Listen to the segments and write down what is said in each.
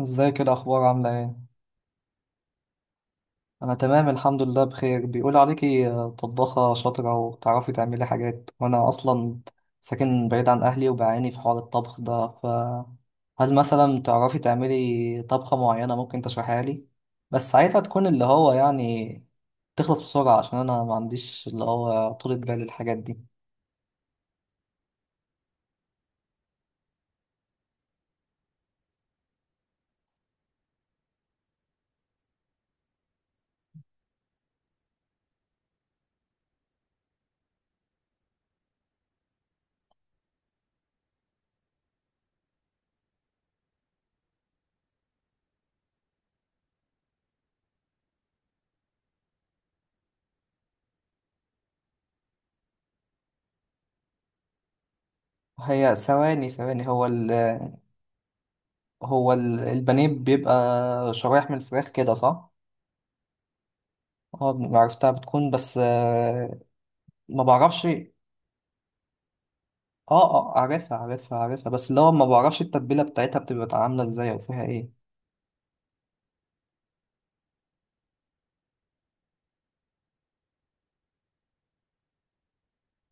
ازيك؟ إيه الاخبار؟ عامله ايه؟ انا تمام الحمد لله بخير. بيقول عليكي طباخه شاطره وتعرفي تعملي حاجات، وانا اصلا ساكن بعيد عن اهلي وبعاني في حوار الطبخ ده، فهل مثلا تعرفي تعملي طبخه معينه ممكن تشرحيها لي؟ بس عايزها تكون اللي هو يعني تخلص بسرعه، عشان انا ما عنديش اللي هو طولة بال الحاجات دي. هي ثواني ثواني، البانيه بيبقى شرايح من الفراخ كده، صح؟ اه، عرفتها، بتكون بس ما بعرفش. اه اه، عارفها عارفها عارفها، بس اللي هو ما بعرفش التتبيلة بتاعتها بتبقى عاملة ازاي او فيها ايه.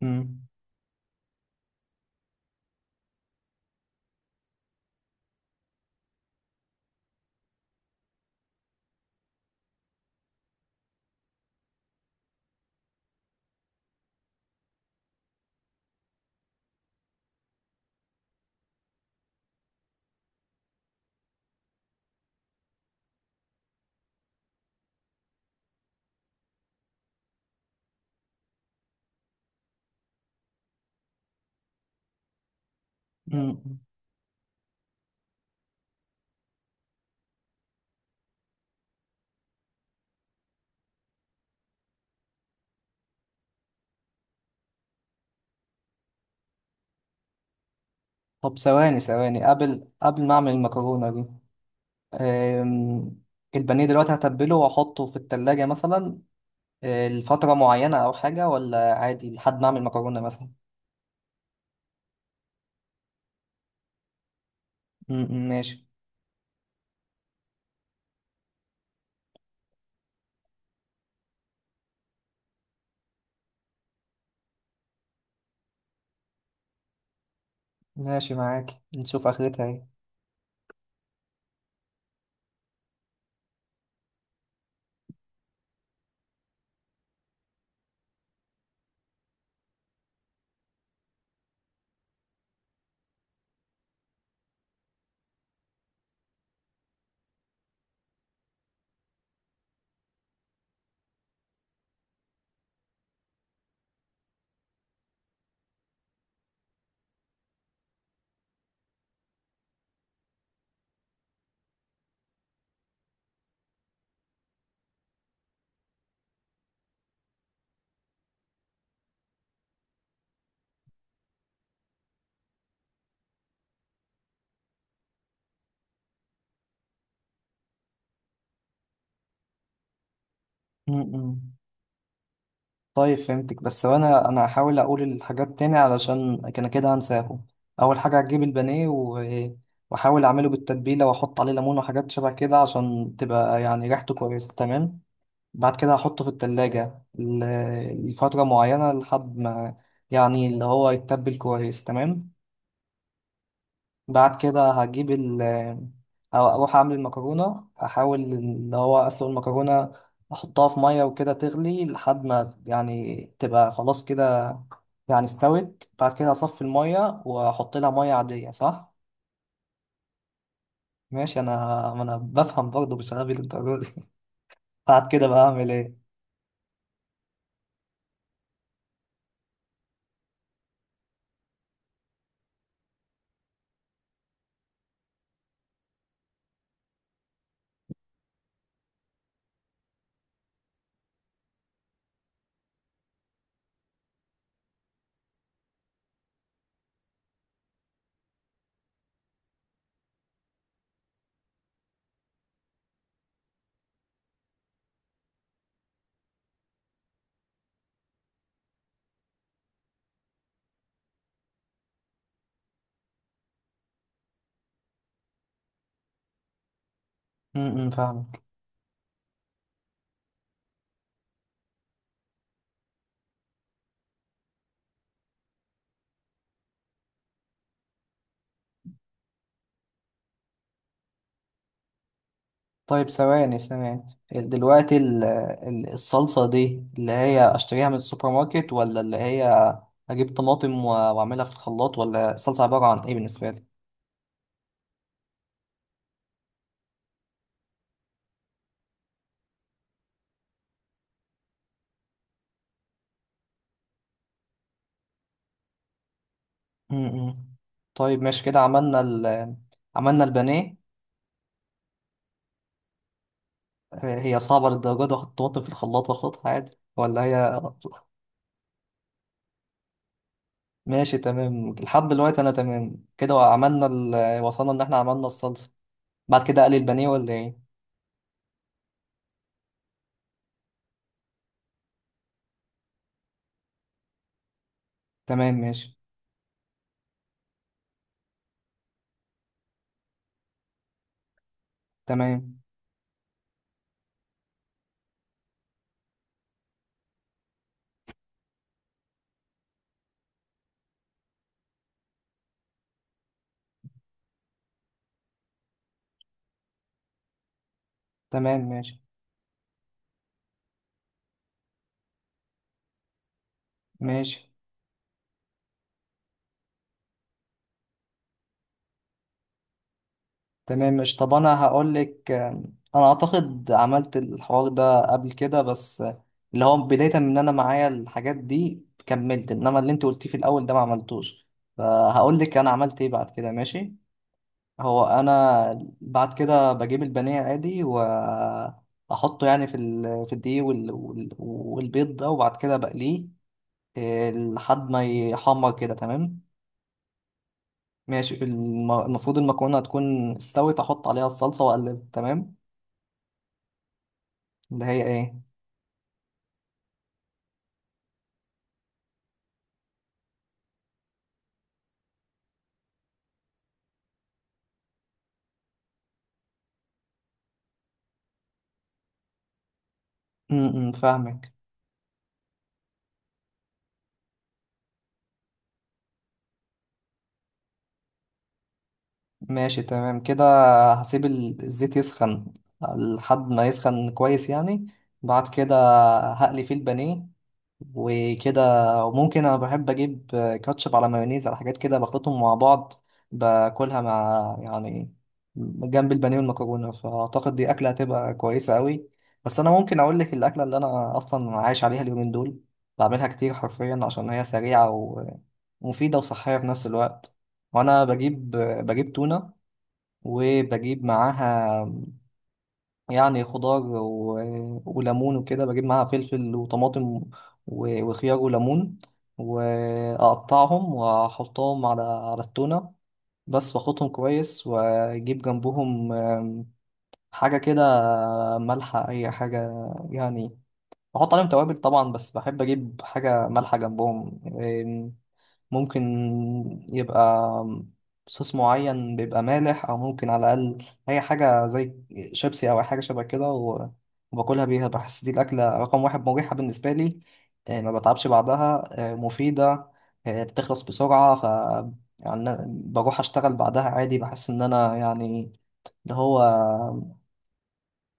مم. مم. طب ثواني ثواني، قبل ما اعمل المكرونة دي، أم... البانيه دلوقتي هتبله واحطه في التلاجة مثلا آه، لفترة معينة او حاجة، ولا عادي لحد ما اعمل مكرونة مثلا؟ مم. مم. ماشي. ماشي معاك، نشوف اخرتها ايه. مم. طيب فهمتك، بس وانا هحاول اقول الحاجات تاني علشان كان كده هنساهم. اول حاجه هتجيب البانيه واحاول اعمله بالتتبيله واحط عليه ليمون وحاجات شبه كده عشان تبقى يعني ريحته كويسه، تمام. بعد كده هحطه في التلاجة لفتره معينه لحد ما يعني اللي هو يتبل كويس، تمام. بعد كده هجيب ال، أو أروح أعمل المكرونة، أحاول إن هو أسلق المكرونة، أحطها في مية وكده تغلي لحد ما يعني تبقى خلاص كده يعني استوت. بعد كده أصفي المية وأحط لها مية عادية، صح؟ ماشي، أنا بفهم برضه، بشغال للدرجة دي بعد كده بقى أعمل إيه؟ م- م، فاهمك. طيب ثواني ثواني، دلوقتي الصلصة دي اللي هي أشتريها من السوبر ماركت، ولا اللي هي أجيب طماطم وأعملها في الخلاط، ولا الصلصة عبارة عن إيه بالنسبة لي؟ م-م. طيب ماشي، كده عملنا ال، عملنا البانيه. آه، هي صعبة للدرجة دي أحط الطماطم في الخلاط وأخلطها عادي، ولا هي؟ ماشي تمام، لحد دلوقتي أنا تمام. كده عملنا ال... وصلنا إن إحنا عملنا الصلصة. بعد كده أقلي البانيه، ولا إيه؟ تمام ماشي. تمام. تمام ماشي. ماشي تمام. مش طب انا هقول لك انا، اعتقد عملت الحوار ده قبل كده، بس اللي هو بداية من ان انا معايا الحاجات دي كملت، انما اللي انت قلتيه في الاول ده ما عملتوش، فهقول لك انا عملت ايه بعد كده، ماشي. هو انا بعد كده بجيب البانيه عادي واحطه يعني في الدقيق والبيض ده وبعد كده بقليه إيه، لحد ما يحمر كده، تمام. ماشي، المفروض المكرونة تكون استوت، احط عليها الصلصة واقلب، تمام. ده هي ايه؟ فاهمك. ماشي تمام كده، هسيب الزيت يسخن لحد ما يسخن كويس يعني، بعد كده هقلي فيه البانيه وكده. وممكن انا بحب اجيب كاتشب على مايونيز على حاجات كده، بخلطهم مع بعض باكلها مع يعني جنب البانيه والمكرونه، فاعتقد دي اكله هتبقى كويسه قوي. بس انا ممكن اقول لك الاكله اللي انا اصلا عايش عليها اليومين دول، بعملها كتير حرفيا عشان هي سريعه ومفيده وصحيه في نفس الوقت. وانا بجيب تونه وبجيب معاها يعني خضار وليمون وكده، بجيب معاها فلفل وطماطم وخيار وليمون، وأقطعهم وأحطهم على التونة بس، وأخلطهم كويس، وأجيب جنبهم حاجة كده مالحة، أي حاجة يعني. بحط عليهم توابل طبعا، بس بحب أجيب حاجة مالحة جنبهم. ممكن يبقى صوص معين بيبقى مالح، او ممكن على الاقل اي حاجه زي شيبسي او اي حاجه شبه كده، وباكلها بيها. بحس دي الاكله رقم واحد مريحه بالنسبه لي آه، ما بتعبش بعدها آه، مفيده آه، بتخلص بسرعه، ف يعني أنا بروح اشتغل بعدها عادي، بحس ان انا يعني اللي هو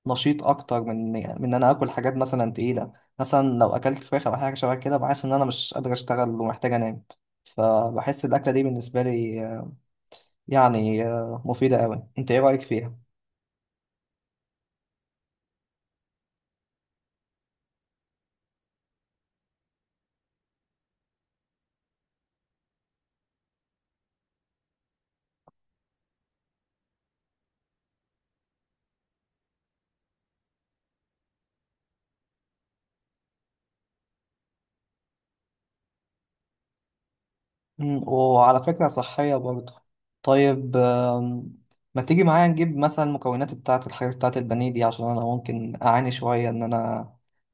نشيط اكتر من يعني من ان انا اكل حاجات مثلا تقيله. مثلا لو اكلت فراخ او حاجه شبه كده بحس ان انا مش قادر اشتغل ومحتاج انام. فبحس الاكله دي بالنسبه لي آه، يعني آه، مفيده قوي. انت ايه رايك فيها؟ مم، وعلى فكره صحيه برضه. طيب ما تيجي معايا نجيب مثلا المكونات بتاعه الحاجات بتاعه البانيه دي، عشان انا ممكن اعاني شويه ان انا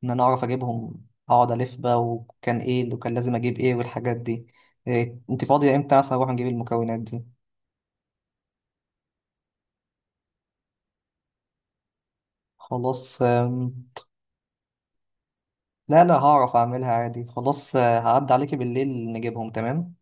ان انا اعرف اجيبهم، اقعد الف بقى وكان ايه اللي كان لازم اجيب ايه والحاجات دي. إيه، انت فاضيه امتى مثلا اروح نجيب المكونات دي؟ خلاص آم، لا لا، هعرف اعملها عادي، خلاص آه، هعدي عليكي بالليل نجيبهم، تمام.